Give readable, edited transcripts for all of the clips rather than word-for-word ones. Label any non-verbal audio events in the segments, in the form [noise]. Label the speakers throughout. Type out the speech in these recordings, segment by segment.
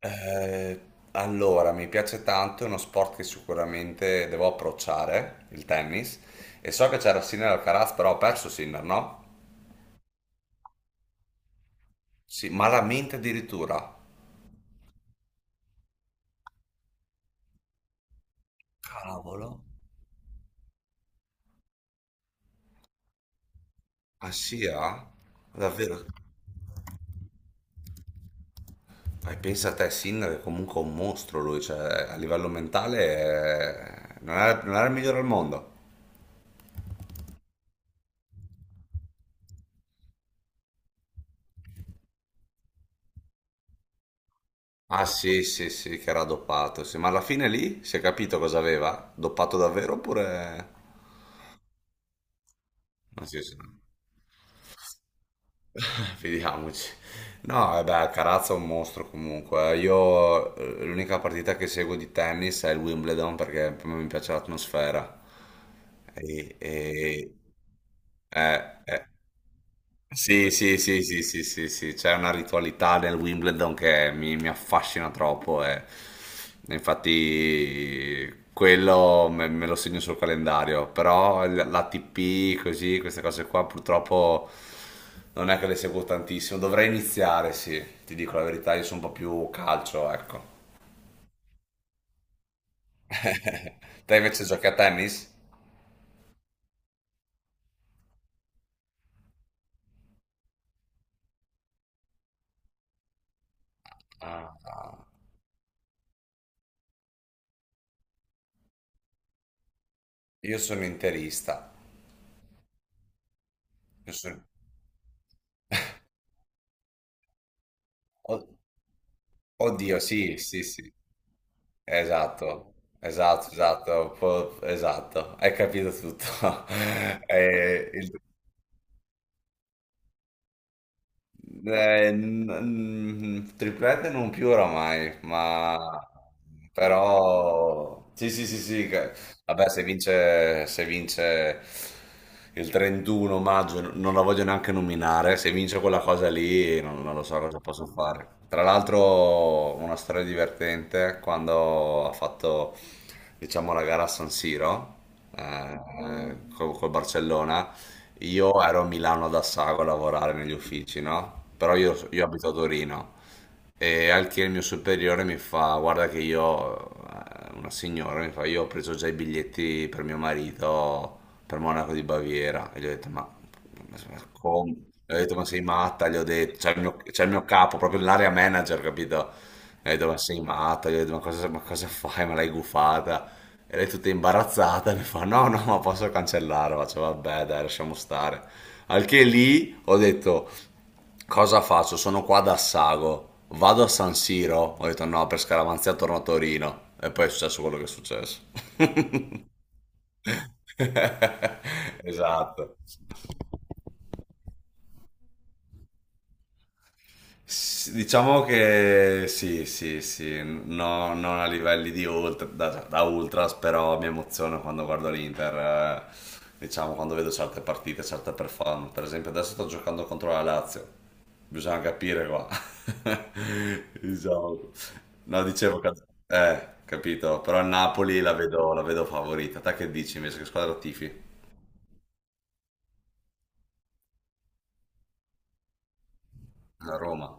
Speaker 1: Eh, allora, mi piace tanto, è uno sport che sicuramente devo approcciare, il tennis. E so che c'era Sinner Alcaraz, però ho perso Sinner, no? Sì, malamente addirittura. Cavolo. Ah sì, ah? Davvero? Pensa a te, Sinner è comunque un mostro lui, cioè a livello mentale non era il migliore al mondo. Ah sì, sì, sì, che era doppato, sì. Ma alla fine lì si è capito cosa aveva? Doppato davvero oppure. Non si sa. [laughs] Vediamoci. No, vabbè, Carazza è un mostro comunque. Io l'unica partita che seguo di tennis è il Wimbledon perché mi piace l'atmosfera. E, e- eh, eh. Sì, sì, sì, sì, sì, sì, sì, c'è una ritualità nel Wimbledon che mi affascina troppo e infatti quello me lo segno sul calendario, però l'ATP così, queste cose qua purtroppo non è che le seguo tantissimo, dovrei iniziare, sì, ti dico la verità, io sono un po' più calcio, ecco. [laughs] Te invece giochi a tennis? Ah, io sono interista. Io sono- od- Oddio, sì, sì, sì. Esatto, esatto, esatto, un po' esatto, hai capito tutto. [laughs] Eh, il- triplette non più oramai, ma però sì, sì, sì, sì. Vabbè, se vince il 31 maggio, non la voglio neanche nominare. Se vince quella cosa lì, non lo so cosa posso fare. Tra l'altro, una storia divertente quando ha fatto, diciamo, la gara a San Siro eh, col Barcellona. Io ero a Milano ad Assago a lavorare negli uffici, no? Però io abito a Torino. E al che il mio superiore mi fa, guarda che una signora mi fa, io ho preso già i biglietti per mio marito per Monaco di Baviera. E gli ho detto, ma come? Gli ho detto, ma sei matta? Gli ho detto, c'è il mio capo, proprio l'area manager, capito? E gli ho detto, ma sei matta? Gli ho detto, ma cosa fai? Me l'hai gufata? E lei tutta imbarazzata mi fa, no, no, ma posso cancellare? Faccio, vabbè, dai, lasciamo stare. Al che lì ho detto. Cosa faccio? Sono qua da Sago. Vado a San Siro? Ho detto no, per scaramanzia torno a Torino. E poi è successo quello che è successo. [laughs] Esatto. Diciamo che sì, sì, sì, non a livelli di ultra, da ultras, però mi emoziono quando guardo l'Inter, diciamo quando vedo certe partite, certe performance. Per esempio adesso sto giocando contro la Lazio. Bisogna capire qua. [laughs] Diciamo. No, dicevo che. Capito. Però il Napoli la vedo favorita. Te che dici invece? Che squadra tifi? La Roma.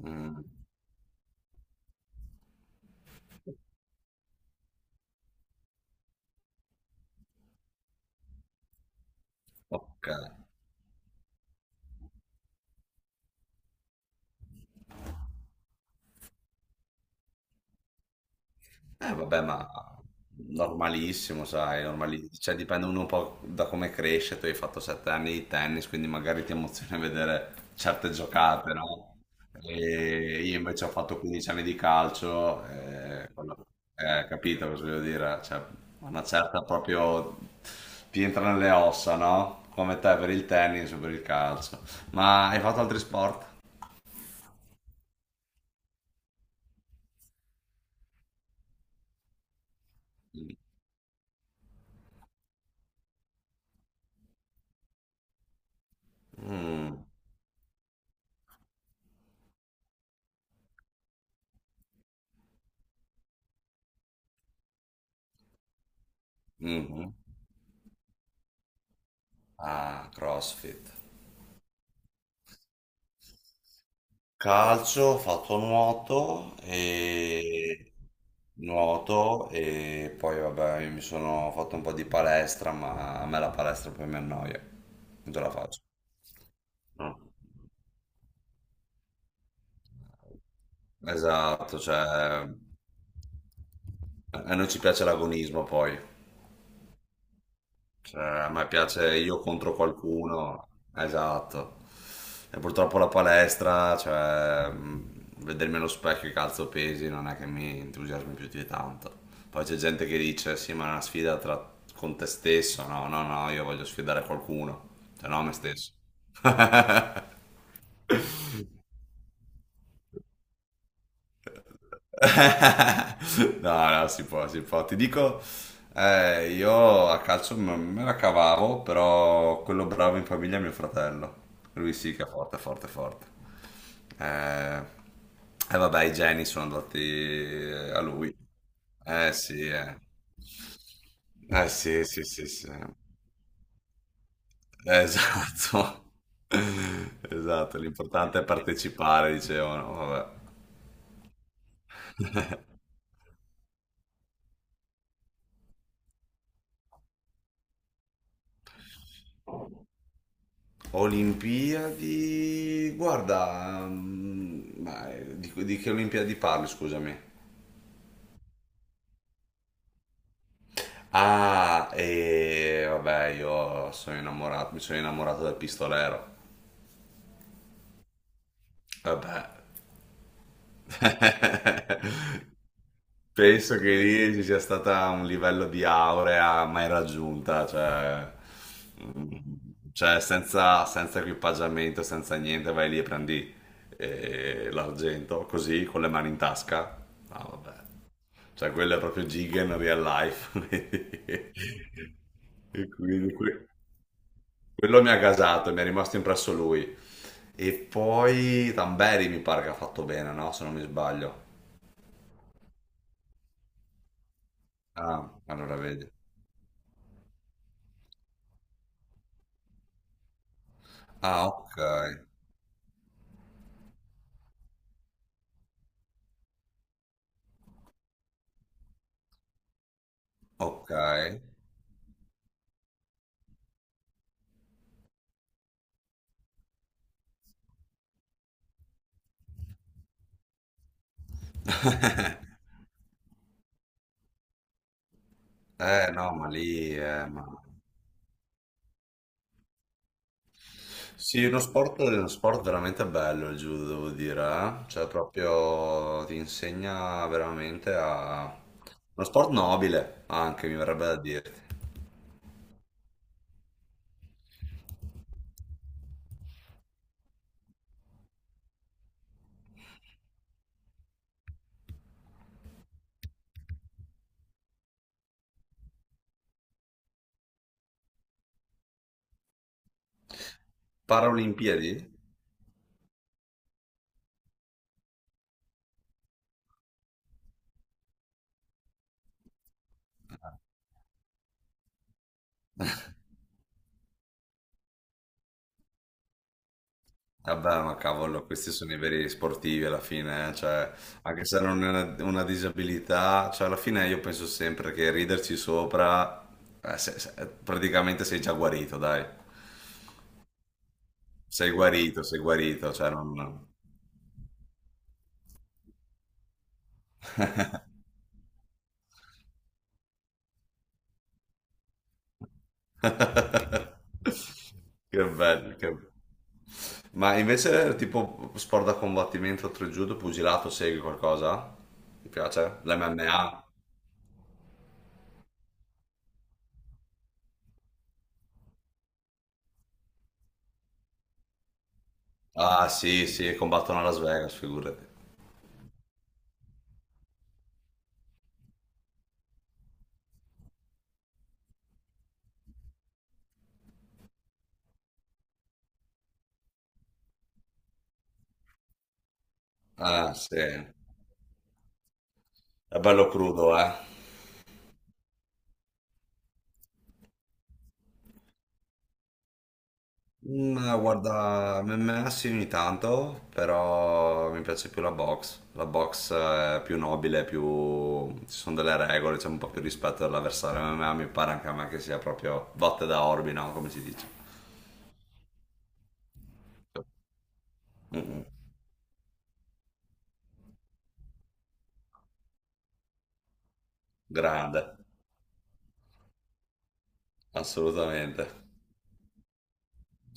Speaker 1: Mm, ok. Eh vabbè, ma normalissimo, sai, cioè dipende uno un po' da come cresce, tu hai fatto 7 anni di tennis, quindi magari ti emoziona vedere certe giocate, no? E io invece ho fatto 15 anni di calcio, capito cosa voglio dire? Cioè, una certa proprio ti entra nelle ossa, no? Come te per il tennis o per il calcio. Ma hai fatto altri sport? Mm, mhm. Ah, CrossFit. Calcio, ho fatto nuoto e poi vabbè, io mi sono fatto un po' di palestra, ma a me la palestra poi mi annoia, non ce la faccio. No. Esatto, cioè a noi ci piace l'agonismo poi. Cioè, a me piace io contro qualcuno, esatto. E purtroppo la palestra, cioè, vedermi allo specchio e calzo pesi non è che mi entusiasmi più di tanto. Poi c'è gente che dice, sì, ma è una sfida con te stesso. No, no, no, io voglio sfidare qualcuno, se no me stesso. [laughs] [laughs] No, no, si può, si può. Ti dico, io a calcio me la cavavo, però quello bravo in famiglia è mio fratello. Lui sì che è forte, forte, forte. Eh, e vabbè, i geni sono andati a lui. Eh sì, eh. Eh sì, sì, sì, sì. Esatto. [laughs] Esatto, l'importante è partecipare, dicevano. Vabbè. [laughs] Olimpiadi, guarda, ma di che Olimpiadi parli, scusami? Ah, e vabbè, io sono innamorato, mi sono innamorato del pistolero. Vabbè, [laughs] penso che lì ci sia stata un livello di aurea mai raggiunta, cioè, mm, cioè senza equipaggiamento, senza niente, vai lì e prendi l'argento, così, con le mani in tasca. Ah, vabbè. Cioè, quello è proprio Gigan real life. [laughs] E quindi quello mi ha gasato, mi è rimasto impresso lui. E poi Tamberi mi pare che ha fatto bene, no? Se non mi sbaglio. Ah, allora vedi. Ah, ok. Ok. Eh no, ma lì. Sì, uno sport veramente bello il judo, devo dire, eh. Cioè proprio ti insegna veramente a. Uno sport nobile, anche mi verrebbe da dirti. Paralimpiadi? Vabbè, ma cavolo, questi sono i veri sportivi alla fine, cioè, anche se non è una disabilità, cioè, alla fine io penso sempre che riderci sopra, praticamente sei già guarito, dai. Sei guarito, cioè, non. [laughs] Che bello, che. Ma invece, tipo, sport da combattimento, oltre judo, pugilato, segui qualcosa? Ti piace? L'MMA? Ah, sì, sì, combattono a Las Vegas, figurati. Ah, sì, è bello crudo, eh. Mm, guarda, MMS ogni tanto, però mi piace più la box. La box è più nobile. Ci sono delle regole, c'è un po' più rispetto dell'avversario. MMA mi pare anche a me che sia proprio botte da orbi, no? Come si dice. Grande, assolutamente.